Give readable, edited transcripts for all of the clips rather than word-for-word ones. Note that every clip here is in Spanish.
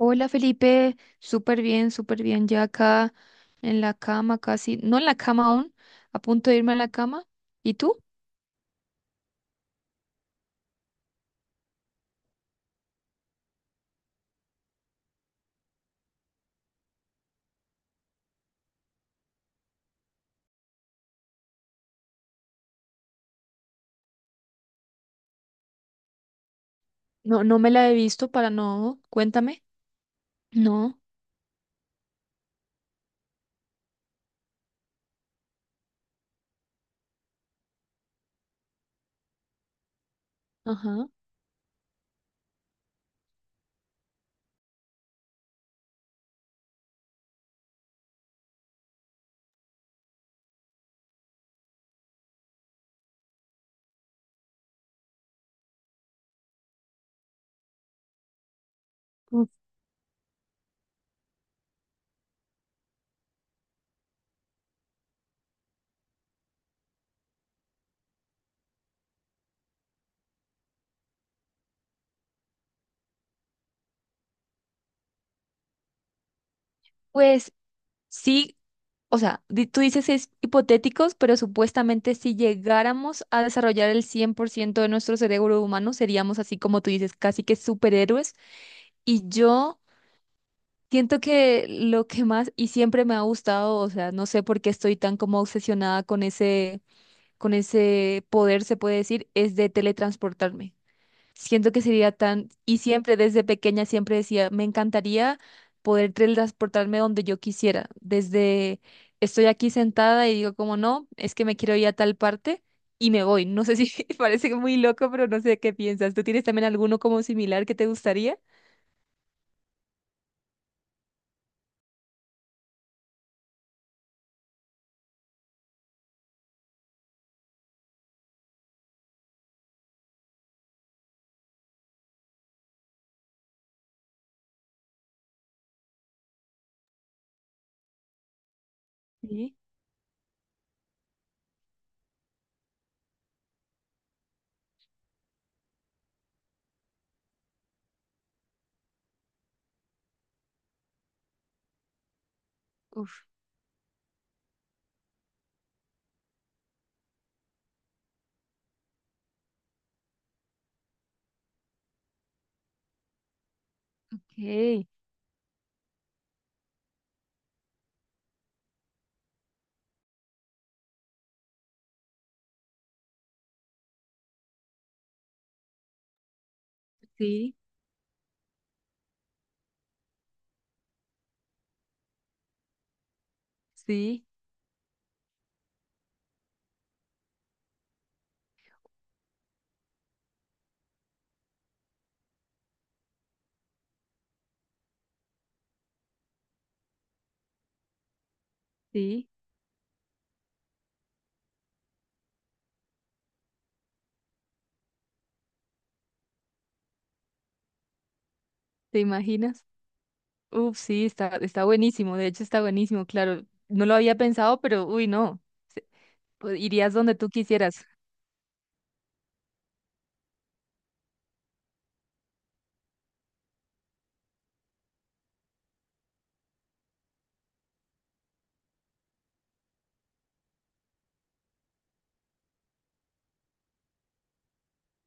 Hola Felipe, súper bien, súper bien. Ya acá en la cama, casi, no en la cama aún, a punto de irme a la cama. ¿Y tú? No, no me la he visto para no. Cuéntame. No. Ajá. Mm. Pues sí, o sea, tú dices es hipotéticos, pero supuestamente si llegáramos a desarrollar el 100% de nuestro cerebro humano, seríamos así como tú dices, casi que superhéroes. Y yo. Siento que lo que más y siempre me ha gustado, o sea, no sé por qué estoy tan como obsesionada con ese poder, se puede decir, es de teletransportarme. Siento que sería tan, y siempre desde pequeña siempre decía, me encantaría poder teletransportarme donde yo quisiera. Desde estoy aquí sentada y digo como no, es que me quiero ir a tal parte y me voy. No sé si parece muy loco, pero no sé qué piensas. ¿Tú tienes también alguno como similar que te gustaría? Sí. Uf, ok, sí. Sí, sí, ¿te imaginas? Uf, sí, está buenísimo, de hecho está buenísimo, claro, no lo había pensado, pero uy, no, pues, irías donde tú quisieras.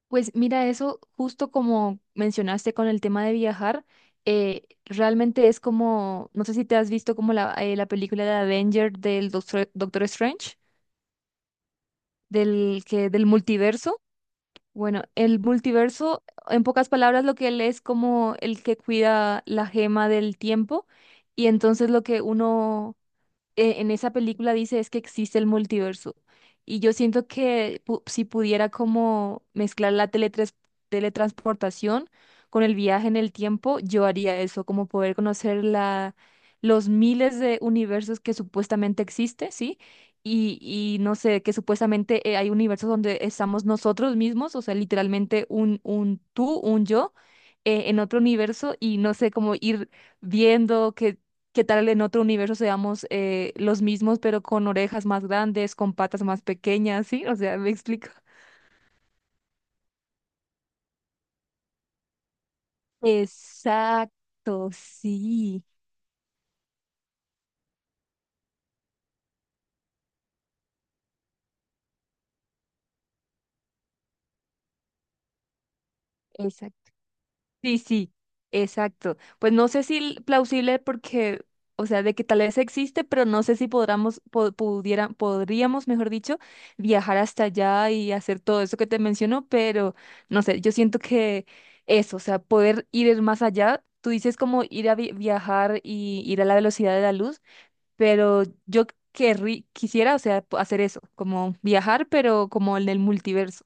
Pues mira, eso justo como mencionaste con el tema de viajar, realmente es como, no sé si te has visto como la película de Avenger del Doctor, Doctor Strange, del multiverso. Bueno, el multiverso, en pocas palabras, lo que él es como el que cuida la gema del tiempo y entonces lo que uno en esa película dice es que existe el multiverso. Y yo siento que si pudiera como mezclar la teletransportación con el viaje en el tiempo, yo haría eso, como poder conocer los miles de universos que supuestamente existe, ¿sí? Y no sé, que supuestamente hay universos donde estamos nosotros mismos, o sea, literalmente un tú, un yo, en otro universo y no sé, cómo ir viendo que ¿qué tal en otro universo seamos los mismos, pero con orejas más grandes, con patas más pequeñas, ¿sí? O sea, ¿me explico? Exacto, sí, sí, sí, exacto. Pues no sé si plausible porque, o sea, de que tal vez existe, pero no sé si podríamos, pudieran, podríamos, mejor dicho, viajar hasta allá y hacer todo eso que te menciono, pero no sé, yo siento que eso, o sea, poder ir más allá, tú dices como ir a viajar y ir a la velocidad de la luz, pero yo quisiera, o sea, hacer eso, como viajar, pero como en el multiverso.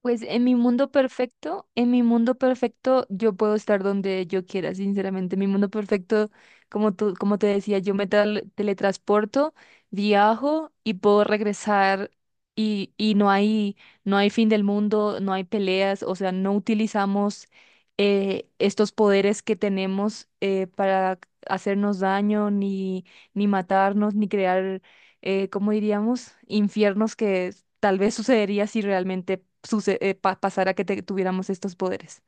Pues en mi mundo perfecto, en mi mundo perfecto yo puedo estar donde yo quiera, sinceramente. Mi mundo perfecto, como tú, como te decía, yo me teletransporto, viajo y puedo regresar y no hay, no hay fin del mundo, no hay peleas, o sea, no utilizamos estos poderes que tenemos para hacernos daño, ni, ni matarnos, ni crear ¿cómo diríamos? Infiernos que tal vez sucedería si realmente pasara que tuviéramos estos poderes.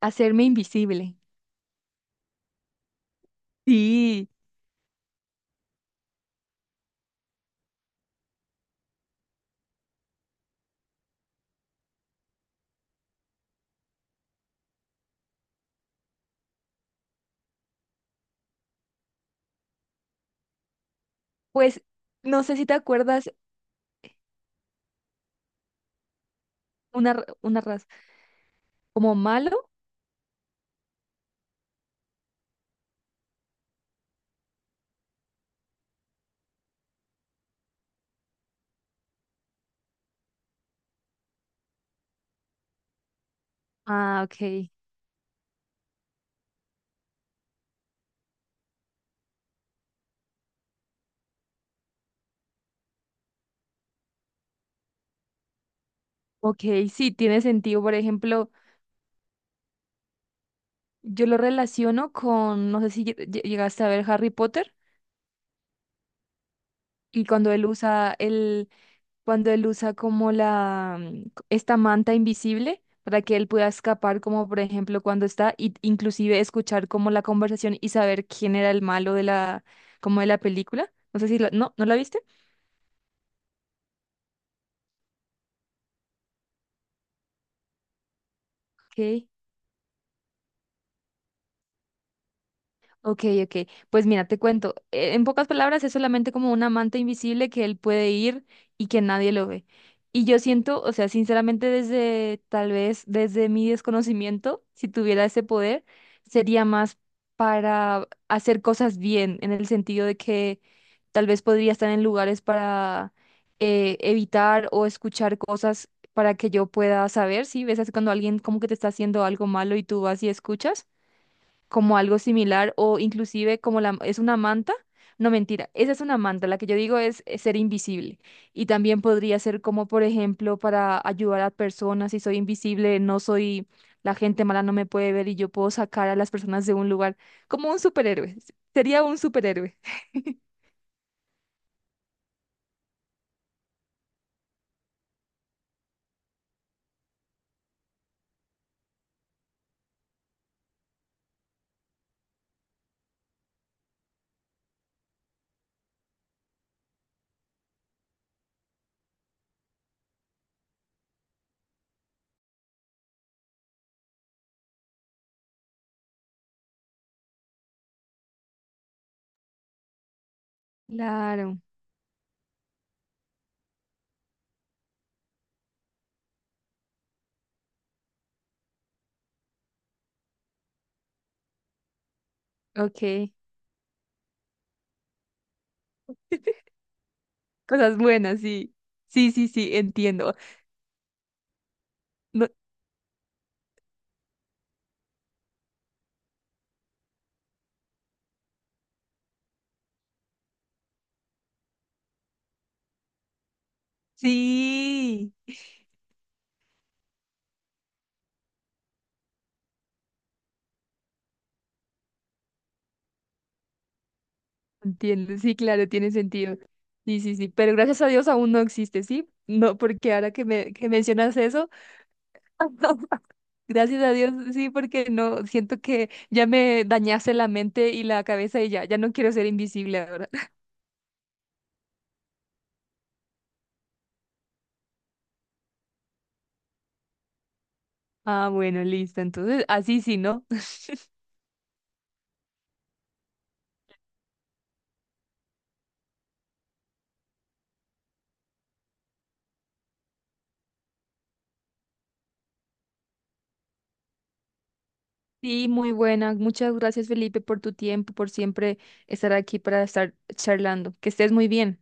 Hacerme invisible. Sí, pues no sé si te acuerdas una, una raza como malo. Ah, ok. Ok, sí, tiene sentido. Por ejemplo, yo lo relaciono con, no sé si llegaste a ver Harry Potter y cuando él usa el, cuando él usa como la esta manta invisible para que él pueda escapar, como por ejemplo cuando está, y inclusive escuchar como la conversación y saber quién era el malo de la, como de la película. No sé si la, no, ¿no la viste? Ok. Ok, ok. Pues mira, te cuento. En pocas palabras, es solamente como un amante invisible que él puede ir y que nadie lo ve. Y yo siento, o sea, sinceramente, desde tal vez desde mi desconocimiento, si tuviera ese poder, sería más para hacer cosas bien, en el sentido de que tal vez podría estar en lugares para evitar o escuchar cosas para que yo pueda saber, ¿sí? ¿Ves? Es cuando alguien como que te está haciendo algo malo y tú vas y escuchas como algo similar o inclusive como la, es una manta. No, mentira, esa es una manta, la que yo digo es, ser invisible. Y también podría ser como, por ejemplo, para ayudar a personas, si soy invisible, no soy, la gente mala no me puede ver y yo puedo sacar a las personas de un lugar, como un superhéroe. Sería un superhéroe. Claro, ok. Cosas buenas, sí. Sí, sí, sí, entiendo. No, sí. Entiendo, sí, claro, tiene sentido. Sí, sí, sí, pero gracias a Dios aún no existe, ¿sí? No, porque ahora que me que mencionas eso, gracias a Dios, sí, porque no, siento que ya me dañaste la mente y la cabeza y ya, ya no quiero ser invisible ahora. Ah, bueno, listo, entonces, así sí, ¿no? Sí, muy buena. Muchas gracias, Felipe, por tu tiempo, por siempre estar aquí para estar charlando. Que estés muy bien.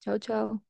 Chao, chao.